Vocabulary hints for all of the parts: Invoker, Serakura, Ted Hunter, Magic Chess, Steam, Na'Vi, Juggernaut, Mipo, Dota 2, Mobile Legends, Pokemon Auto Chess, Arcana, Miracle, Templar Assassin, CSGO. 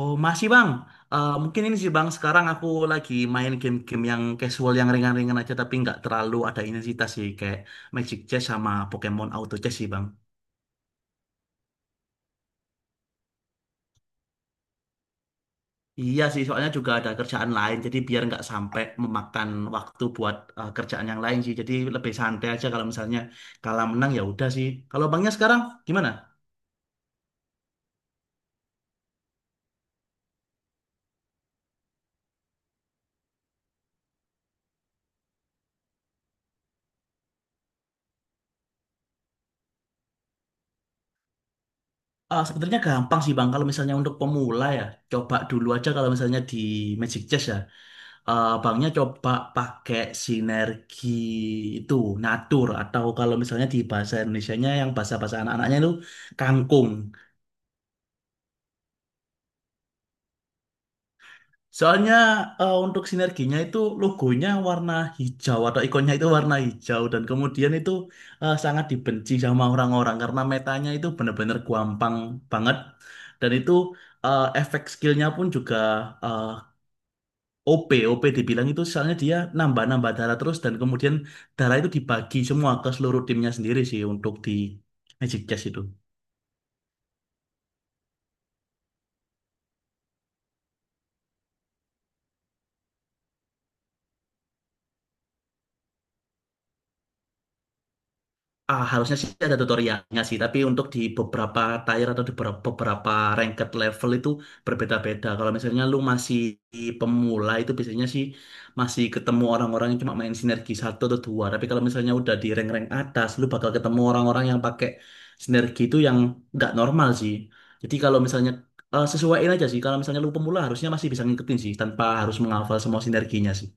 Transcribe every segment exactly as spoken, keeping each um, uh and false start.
Oh, masih Bang. Eh, mungkin ini sih Bang, sekarang aku lagi main game-game yang casual, yang ringan-ringan aja, tapi nggak terlalu ada intensitas sih, kayak Magic Chess sama Pokemon Auto Chess sih Bang. Iya sih, soalnya juga ada kerjaan lain, jadi biar nggak sampai memakan waktu buat eh, kerjaan yang lain sih. Jadi lebih santai aja kalau misalnya kalah menang ya udah sih. Kalau Bangnya sekarang gimana? Eh, sebenarnya gampang sih Bang, kalau misalnya untuk pemula ya, coba dulu aja kalau misalnya di Magic Chess ya. eh, banknya coba pakai sinergi itu natur atau kalau misalnya di bahasa Indonesianya yang bahasa-bahasa anak-anaknya itu kangkung. Soalnya eh, untuk sinerginya itu logonya warna hijau atau ikonnya itu warna hijau dan kemudian itu eh, sangat dibenci sama orang-orang karena metanya itu benar-benar gampang banget dan itu eh, efek skillnya pun juga eh, O P, O P dibilang itu soalnya dia nambah-nambah darah terus dan kemudian darah itu dibagi semua ke seluruh timnya sendiri sih untuk di Magic Chess itu. Ah, harusnya sih ada tutorialnya sih, tapi untuk di beberapa tier atau di ber- beberapa ranked level itu berbeda-beda. Kalau misalnya lu masih pemula itu biasanya sih masih ketemu orang-orang yang cuma main sinergi satu atau dua. Tapi kalau misalnya udah di rank-rank atas, lu bakal ketemu orang-orang yang pakai sinergi itu yang nggak normal sih. Jadi kalau misalnya eh, sesuaiin aja sih, kalau misalnya lu pemula harusnya masih bisa ngikutin sih tanpa harus menghafal semua sinerginya sih.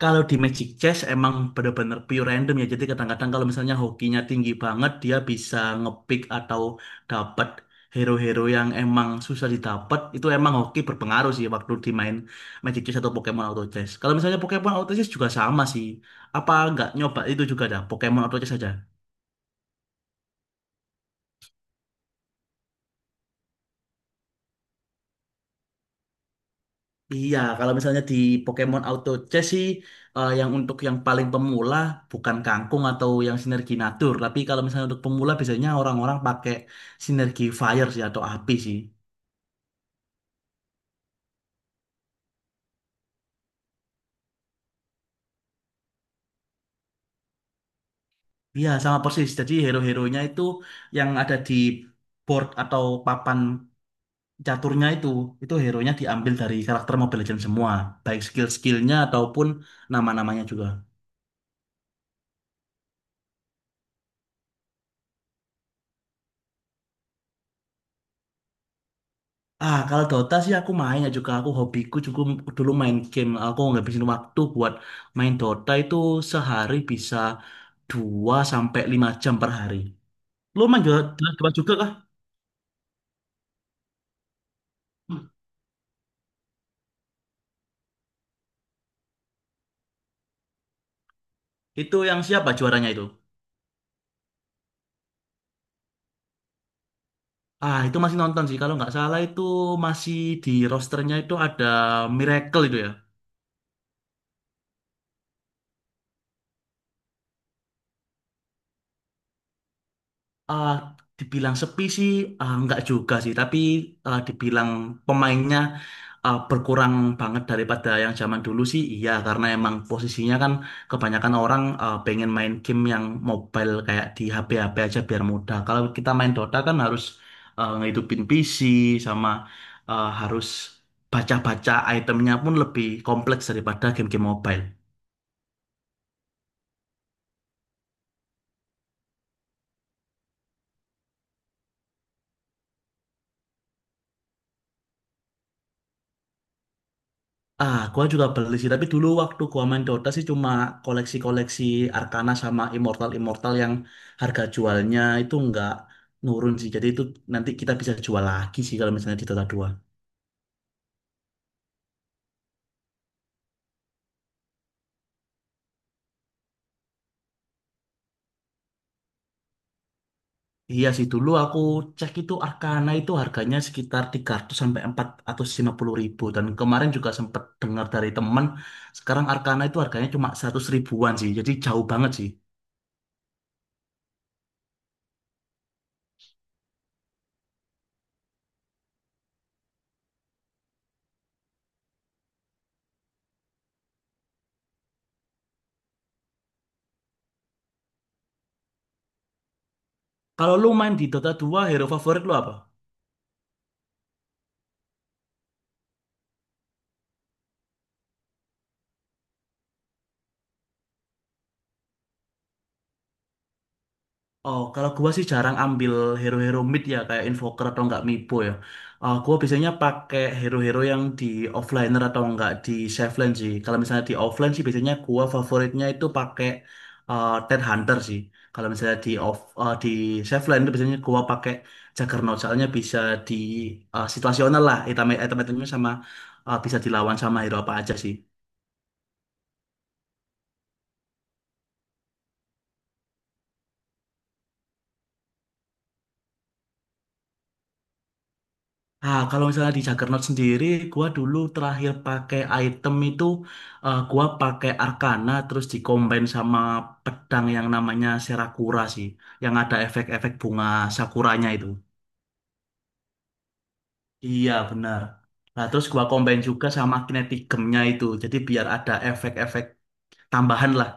Kalau di Magic Chess emang bener-bener pure random ya. Jadi kadang-kadang kalau misalnya hokinya tinggi banget, dia bisa ngepick atau dapat hero-hero yang emang susah didapat. Itu emang hoki berpengaruh sih waktu dimain Magic Chess atau Pokemon Auto Chess. Kalau misalnya Pokemon Auto Chess juga sama sih. Apa nggak nyoba itu juga dah, Pokemon Auto Chess aja. Iya, kalau misalnya di Pokemon Auto Chess sih eh, yang untuk yang paling pemula bukan Kangkung atau yang Sinergi Natur, tapi kalau misalnya untuk pemula biasanya orang-orang pakai Sinergi Fire sih atau api sih. Iya, sama persis. Jadi hero-heronya itu yang ada di board atau papan caturnya itu, itu hero-nya diambil dari karakter Mobile Legends semua, baik skill-skillnya ataupun nama-namanya juga. Ah, kalau Dota sih aku main ya juga aku hobiku juga dulu main game. Aku ngabisin waktu buat main Dota itu sehari bisa dua sampai lima jam per hari. Lu main Dota Dota juga kah? Itu yang siapa juaranya itu? Ah, itu masih nonton sih. Kalau nggak salah itu masih di rosternya itu ada Miracle itu ya. Ah, dibilang sepi sih ah, nggak juga sih, tapi ah, dibilang pemainnya ah, berkurang banget daripada yang zaman dulu sih, iya karena emang posisinya kan kebanyakan orang ah, pengen main game yang mobile kayak di H P-H P aja biar mudah. Kalau kita main Dota kan harus ah, ngehidupin P C sama ah, harus baca-baca itemnya pun lebih kompleks daripada game-game mobile. Ah, gua juga beli sih, tapi dulu waktu gua main Dota sih cuma koleksi-koleksi Arcana sama Immortal-Immortal yang harga jualnya itu nggak nurun sih. Jadi itu nanti kita bisa jual lagi sih kalau misalnya di Dota dua. Iya sih, dulu aku cek itu Arcana itu harganya sekitar tiga ratus sampai empat ratus lima puluh ribu. Dan kemarin juga sempat dengar dari temen, sekarang Arcana itu harganya cuma seratus ribuan sih. Jadi jauh banget sih. Kalau lu main di Dota dua hero favorit lu apa? Oh, kalau gua sih jarang ambil hero-hero mid ya kayak invoker atau enggak mipo ya. Eh gua biasanya pakai hero-hero yang di offliner atau enggak di safe lane sih. Kalau misalnya di offline sih biasanya gua favoritnya itu pakai eh Ted Hunter sih. Kalau misalnya di off eh, di safe lane itu biasanya gua pakai Juggernaut soalnya bisa di eh, situasional lah. Item item-itemnya sama eh, bisa dilawan sama hero apa aja sih. Nah, kalau misalnya di Juggernaut sendiri, gua dulu terakhir pakai item itu, eh, gua pakai Arcana terus dikombin sama pedang yang namanya Serakura sih, yang ada efek-efek bunga sakuranya itu. Iya, benar. Nah, terus gua combine juga sama kinetic gemnya itu, jadi biar ada efek-efek tambahan lah.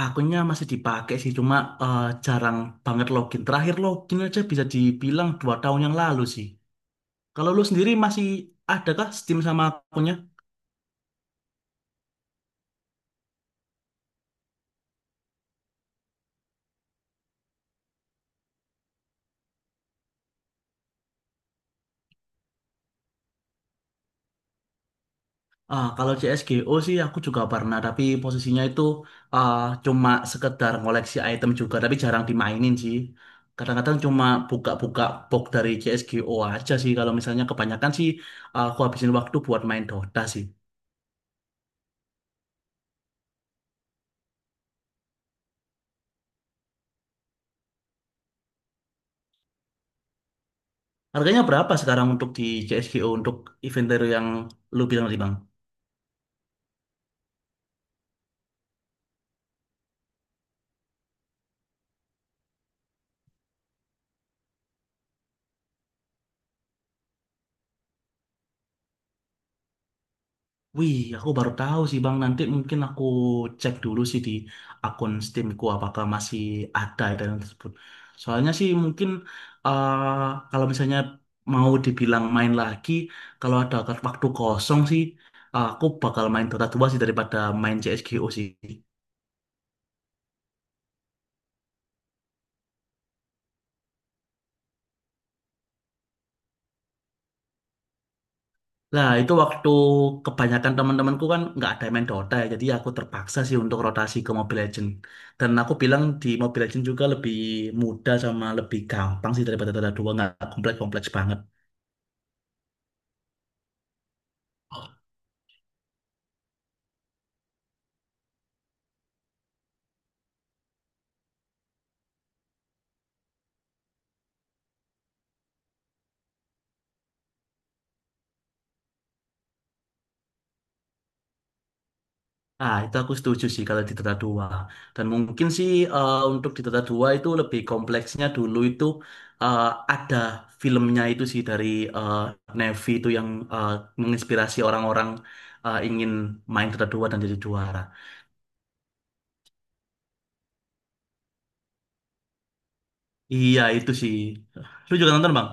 Akunnya masih dipakai sih, cuma eh, jarang banget login. Terakhir login aja bisa dibilang dua tahun yang lalu sih. Kalau lu sendiri masih adakah Steam sama akunnya? Ah, kalau C S G O sih aku juga pernah, tapi posisinya itu ah, cuma sekedar ngoleksi item juga, tapi jarang dimainin sih. Kadang-kadang cuma buka-buka box dari C S G O aja sih. Kalau misalnya kebanyakan sih ah, aku habisin waktu buat main Dota sih. Harganya berapa sekarang untuk di C S G O untuk inventory yang lu bilang tadi, Bang? Wih, aku baru tahu sih Bang. Nanti mungkin aku cek dulu sih di akun Steamku apakah masih ada item tersebut. Soalnya sih mungkin eh, kalau misalnya mau dibilang main lagi, kalau ada waktu kosong sih, eh, aku bakal main Dota dua sih daripada main C S G O sih. Nah, itu waktu kebanyakan teman-temanku kan nggak ada yang main Dota ya, jadi aku terpaksa sih untuk rotasi ke Mobile Legends. Dan aku bilang di Mobile Legends juga lebih mudah sama lebih gampang sih daripada Dota dua, nggak kompleks-kompleks banget. Ah, itu aku setuju sih kalau di Dota dua. Dan mungkin sih eh, untuk di Dota dua itu lebih kompleksnya dulu itu eh, ada filmnya itu sih dari eh, Na'Vi itu yang eh, menginspirasi orang-orang eh, ingin main Dota dua dan jadi juara. Iya itu sih. Lu juga nonton bang?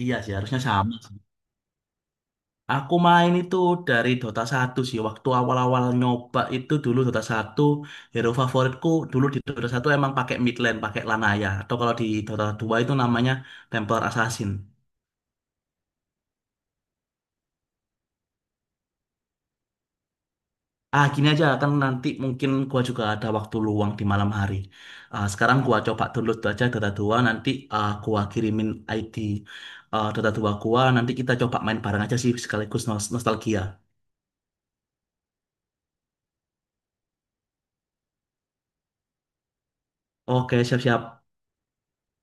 Iya sih harusnya sama sih. Aku main itu dari Dota satu sih. Waktu awal-awal nyoba itu dulu Dota satu hero favoritku dulu di Dota satu emang pakai mid lane, pakai Lanaya. Atau kalau di Dota dua itu namanya Templar Assassin. Ah gini aja kan nanti mungkin gua juga ada waktu luang di malam hari. Ah, sekarang gua coba download aja Dota dua. Nanti ah, gua kirimin I D eh, Dota dua gua nanti kita coba main bareng aja sih sekaligus nos- nostalgia. Oke, siap-siap.